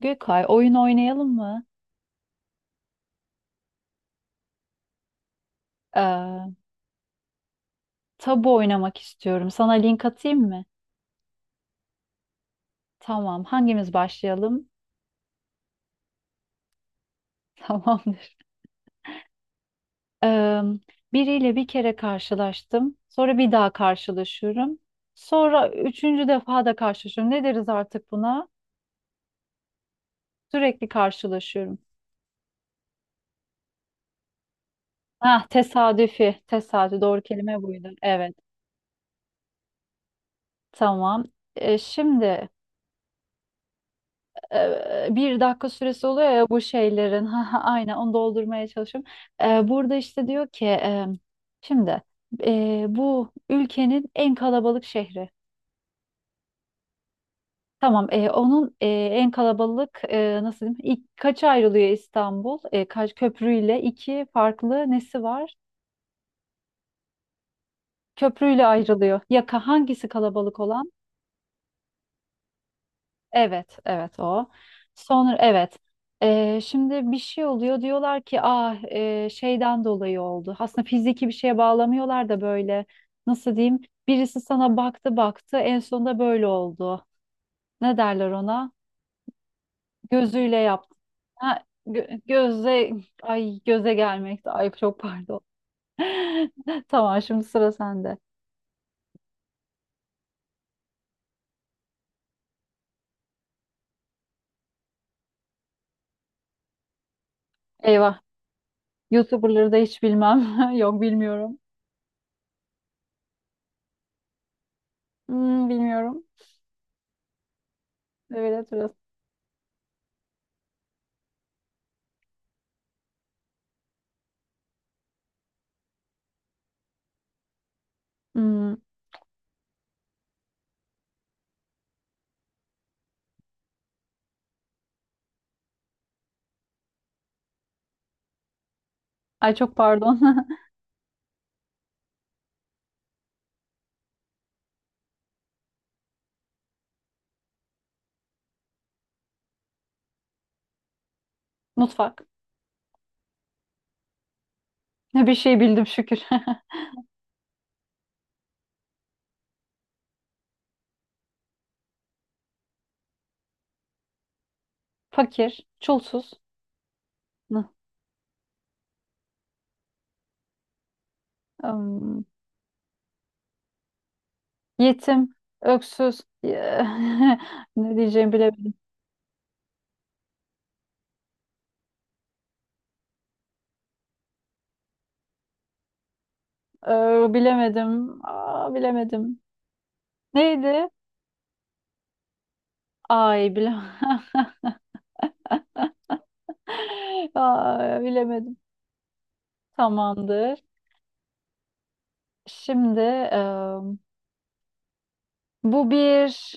Gökay, oyun oynayalım mı? Ee, Tabu oynamak istiyorum. Sana link atayım mı? Tamam. Hangimiz başlayalım? Tamamdır. Ee, Biriyle bir kere karşılaştım. Sonra bir daha karşılaşıyorum. Sonra üçüncü defa da karşılaşıyorum. Ne deriz artık buna? Sürekli karşılaşıyorum. Ah, tesadüfi. Tesadüf. Doğru kelime buydu. Evet. Tamam. Şimdi bir dakika süresi oluyor ya bu şeylerin. Ha, ha, aynen onu doldurmaya çalışıyorum. Burada işte diyor ki şimdi bu ülkenin en kalabalık şehri. Tamam, onun en kalabalık, nasıl diyeyim, ilk, kaça ayrılıyor İstanbul? Kaç köprüyle iki farklı nesi var? Köprüyle ayrılıyor. Yaka hangisi kalabalık olan? Evet, evet o. Sonra evet. Şimdi bir şey oluyor, diyorlar ki ah, şeyden dolayı oldu. Aslında fiziki bir şeye bağlamıyorlar da böyle, nasıl diyeyim? Birisi sana baktı baktı en sonunda böyle oldu. Ne derler ona? Gözüyle yaptı. Ha, göze, ay göze gelmekti. Ay çok pardon. Tamam, şimdi sıra sende. Eyvah. YouTuber'ları da hiç bilmem. Yok, bilmiyorum. Hmm, bilmiyorum. Evet, evet. Hmm. Ay çok pardon. Mutfak. Bir şey bildim şükür. Fakir, çulsuz. Hı. Am, yetim, öksüz. Ne diyeceğimi bilemedim. Bilemedim. Aa, bilemedim. Neydi? Ay bilemedim. Ay, bilemedim. Tamamdır. Şimdi em, bu bir...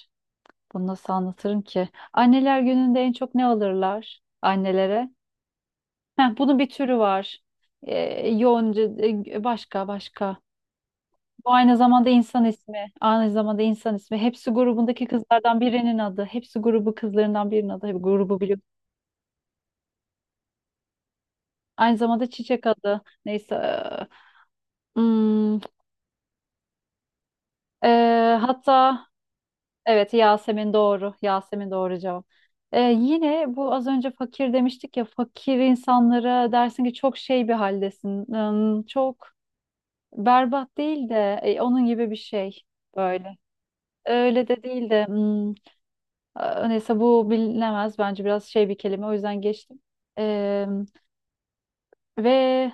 Bunu nasıl anlatırım ki? Anneler gününde en çok ne alırlar annelere? Heh, bunun bir türü var. Yonca, başka, başka. Bu aynı zamanda insan ismi. Aynı zamanda insan ismi. Hepsi grubundaki kızlardan birinin adı. Hepsi grubu kızlarından birinin adı. Hep grubu biliyorum. Aynı zamanda çiçek adı. Neyse. Hmm, Hatta evet, Yasemin doğru. Yasemin doğru cevap. Yine bu, az önce fakir demiştik ya. Fakir insanlara dersin ki çok şey bir haldesin. Çok berbat değil de onun gibi bir şey. Böyle. Öyle de değil de. Neyse bu bilinemez. Bence biraz şey bir kelime. O yüzden geçtim. Ee, Ve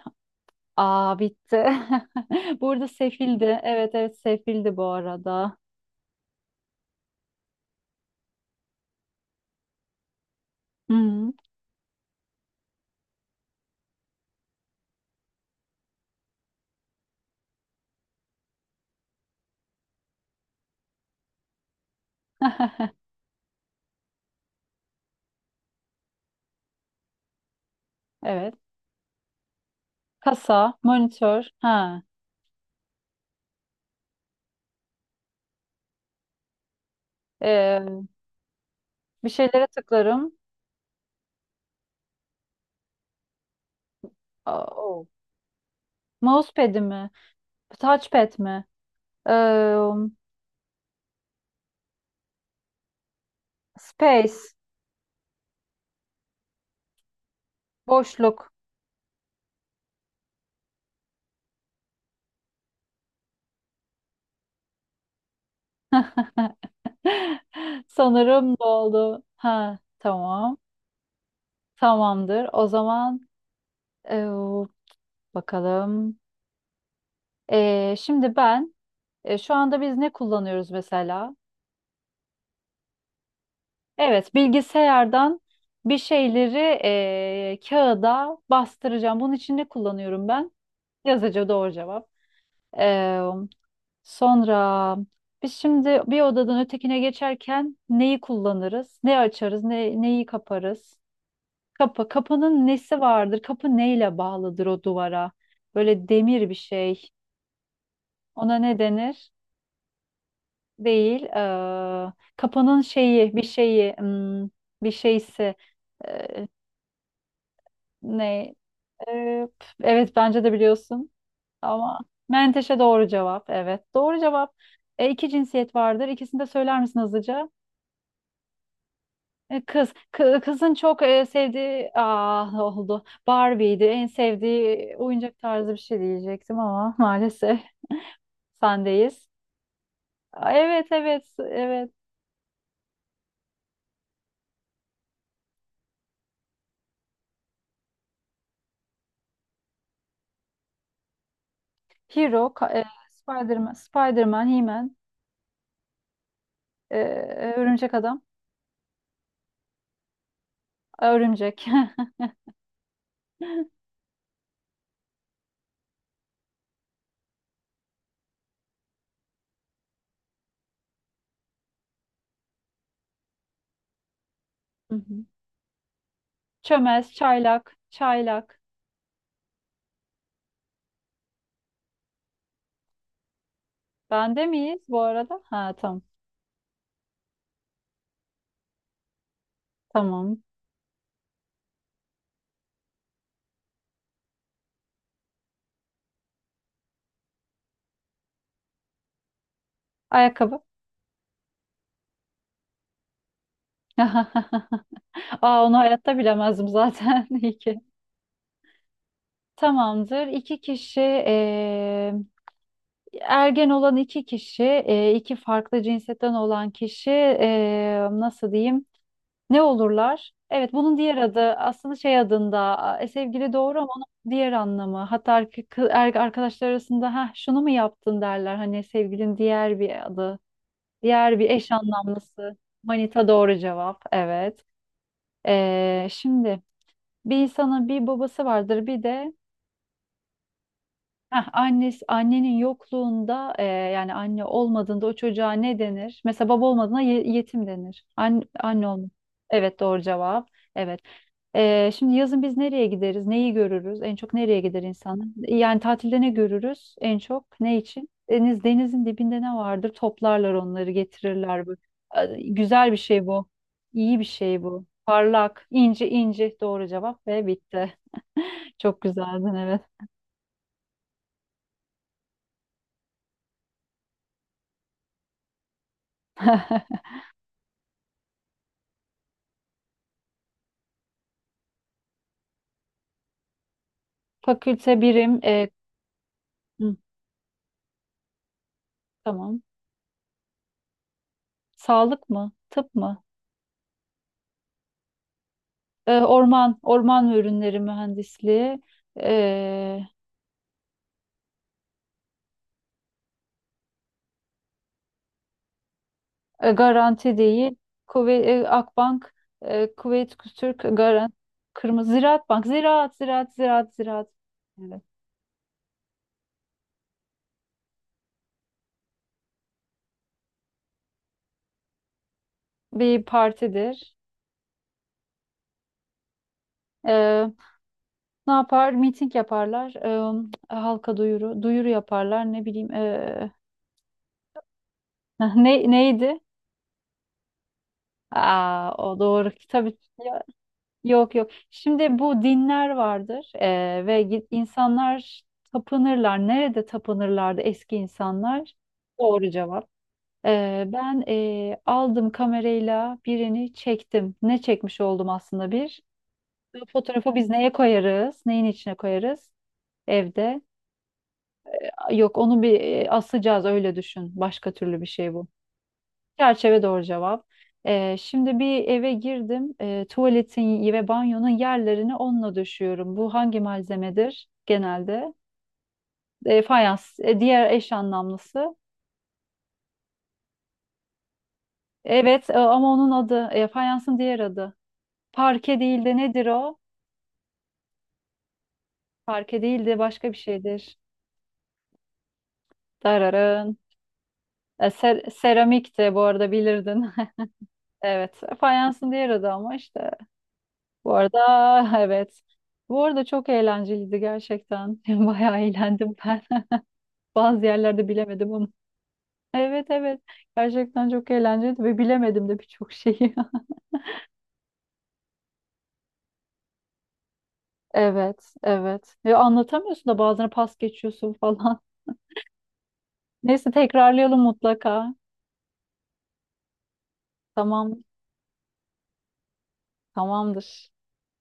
aa bitti. Burada sefildi. Evet, evet sefildi bu arada. Hı, evet. Kasa, monitör. Ha. Ee, Bir şeylere tıklarım. Aa, o. Mousepad'i mi? Touchpad mi? Ee, Space. Boşluk. Sanırım doldu. Ha, tamam. Tamamdır. O zaman bakalım. Şimdi ben, şu anda biz ne kullanıyoruz mesela? Evet, bilgisayardan bir şeyleri kağıda bastıracağım. Bunun için ne kullanıyorum ben? Yazıcı doğru cevap. Ee, Sonra biz şimdi bir odadan ötekine geçerken neyi kullanırız? Ne açarız? Neyi kaparız? Kapı. Kapının nesi vardır? Kapı neyle bağlıdır o duvara? Böyle demir bir şey. Ona ne denir? Değil. Kapanın şeyi, bir şeyi, bir şeysi, eee, ne? Eee, evet, bence de biliyorsun ama menteşe doğru cevap. Evet, doğru cevap. E, iki cinsiyet vardır. İkisini de söyler misin hızlıca? E, kız, kızın çok sevdiği, ah oldu. Barbie'ydi. En sevdiği oyuncak tarzı bir şey diyecektim ama maalesef sendeyiz. Aa, evet, evet, evet. Hero, Spider-Man, Spider-Man, He-Man. Örümcek adam. Örümcek. Hı hı. Çömez, çaylak, çaylak. Bende miyiz bu arada? Ha tamam. Tamam. Ayakkabı. Aa, onu hayatta bilemezdim zaten. İyi ki. Tamamdır. İki kişi, ergen olan iki kişi, iki farklı cinsetten olan kişi, nasıl diyeyim? Ne olurlar? Evet, bunun diğer adı aslında şey adında, sevgili doğru ama onun diğer anlamı. Hatta arkadaşlar arasında ha şunu mu yaptın derler. Hani sevgilin diğer bir adı, diğer bir eş anlamlısı. Manita doğru cevap. Evet. E, şimdi bir insanın bir babası vardır, bir de, heh, annesi, annenin yokluğunda, yani anne olmadığında o çocuğa ne denir? Mesela baba olmadığında yetim denir. Anne, anne olmadı. Evet, doğru cevap. Evet. E, şimdi yazın biz nereye gideriz? Neyi görürüz? En çok nereye gider insanlar? Yani tatilde ne görürüz? En çok ne için? Deniz, denizin dibinde ne vardır? Toplarlar onları getirirler. Bu. E, güzel bir şey bu. İyi bir şey bu. Parlak, ince ince doğru cevap ve bitti. Çok güzeldin, evet. Fakülte birim, hı. Tamam. Sağlık mı? Tıp mı? Orman, orman ve ürünleri mühendisliği. Ee, Garanti değil. Kuvvet, Akbank, Kuveyt Türk, Garanti, Kırmızı Ziraat Bank, Ziraat, Ziraat, Ziraat, Ziraat. Evet. Bir partidir. Ee, Ne yapar? Miting yaparlar. Halka duyuru, duyuru yaparlar. Ne bileyim. Neydi? Aa, o doğru. Tabii. Yok, yok. Şimdi bu dinler vardır ve insanlar tapınırlar. Nerede tapınırlardı eski insanlar? Doğru cevap. Ben aldım, kamerayla birini çektim. Ne çekmiş oldum aslında bir? Bu fotoğrafı biz neye koyarız? Neyin içine koyarız? Evde. Yok, onu bir asacağız, öyle düşün. Başka türlü bir şey bu. Çerçeve doğru cevap. Şimdi bir eve girdim. Tuvaletin ve banyonun yerlerini onunla döşüyorum. Bu hangi malzemedir genelde? Fayans. Diğer eş anlamlısı. Evet, ama onun adı, fayansın diğer adı. Parke değil de nedir o? Parke değil de başka bir şeydir. Dararın. E, seramik de bu arada bilirdin. Evet. Fayansın diğer adı ama işte. Bu arada evet. Bu arada çok eğlenceliydi gerçekten. Bayağı eğlendim ben. Bazı yerlerde bilemedim onu. Evet, evet. Gerçekten çok eğlenceliydi ve bilemedim de birçok şeyi. Evet, evet. Ve anlatamıyorsun da bazen pas geçiyorsun falan. Neyse tekrarlayalım mutlaka. Tamam, tamamdır.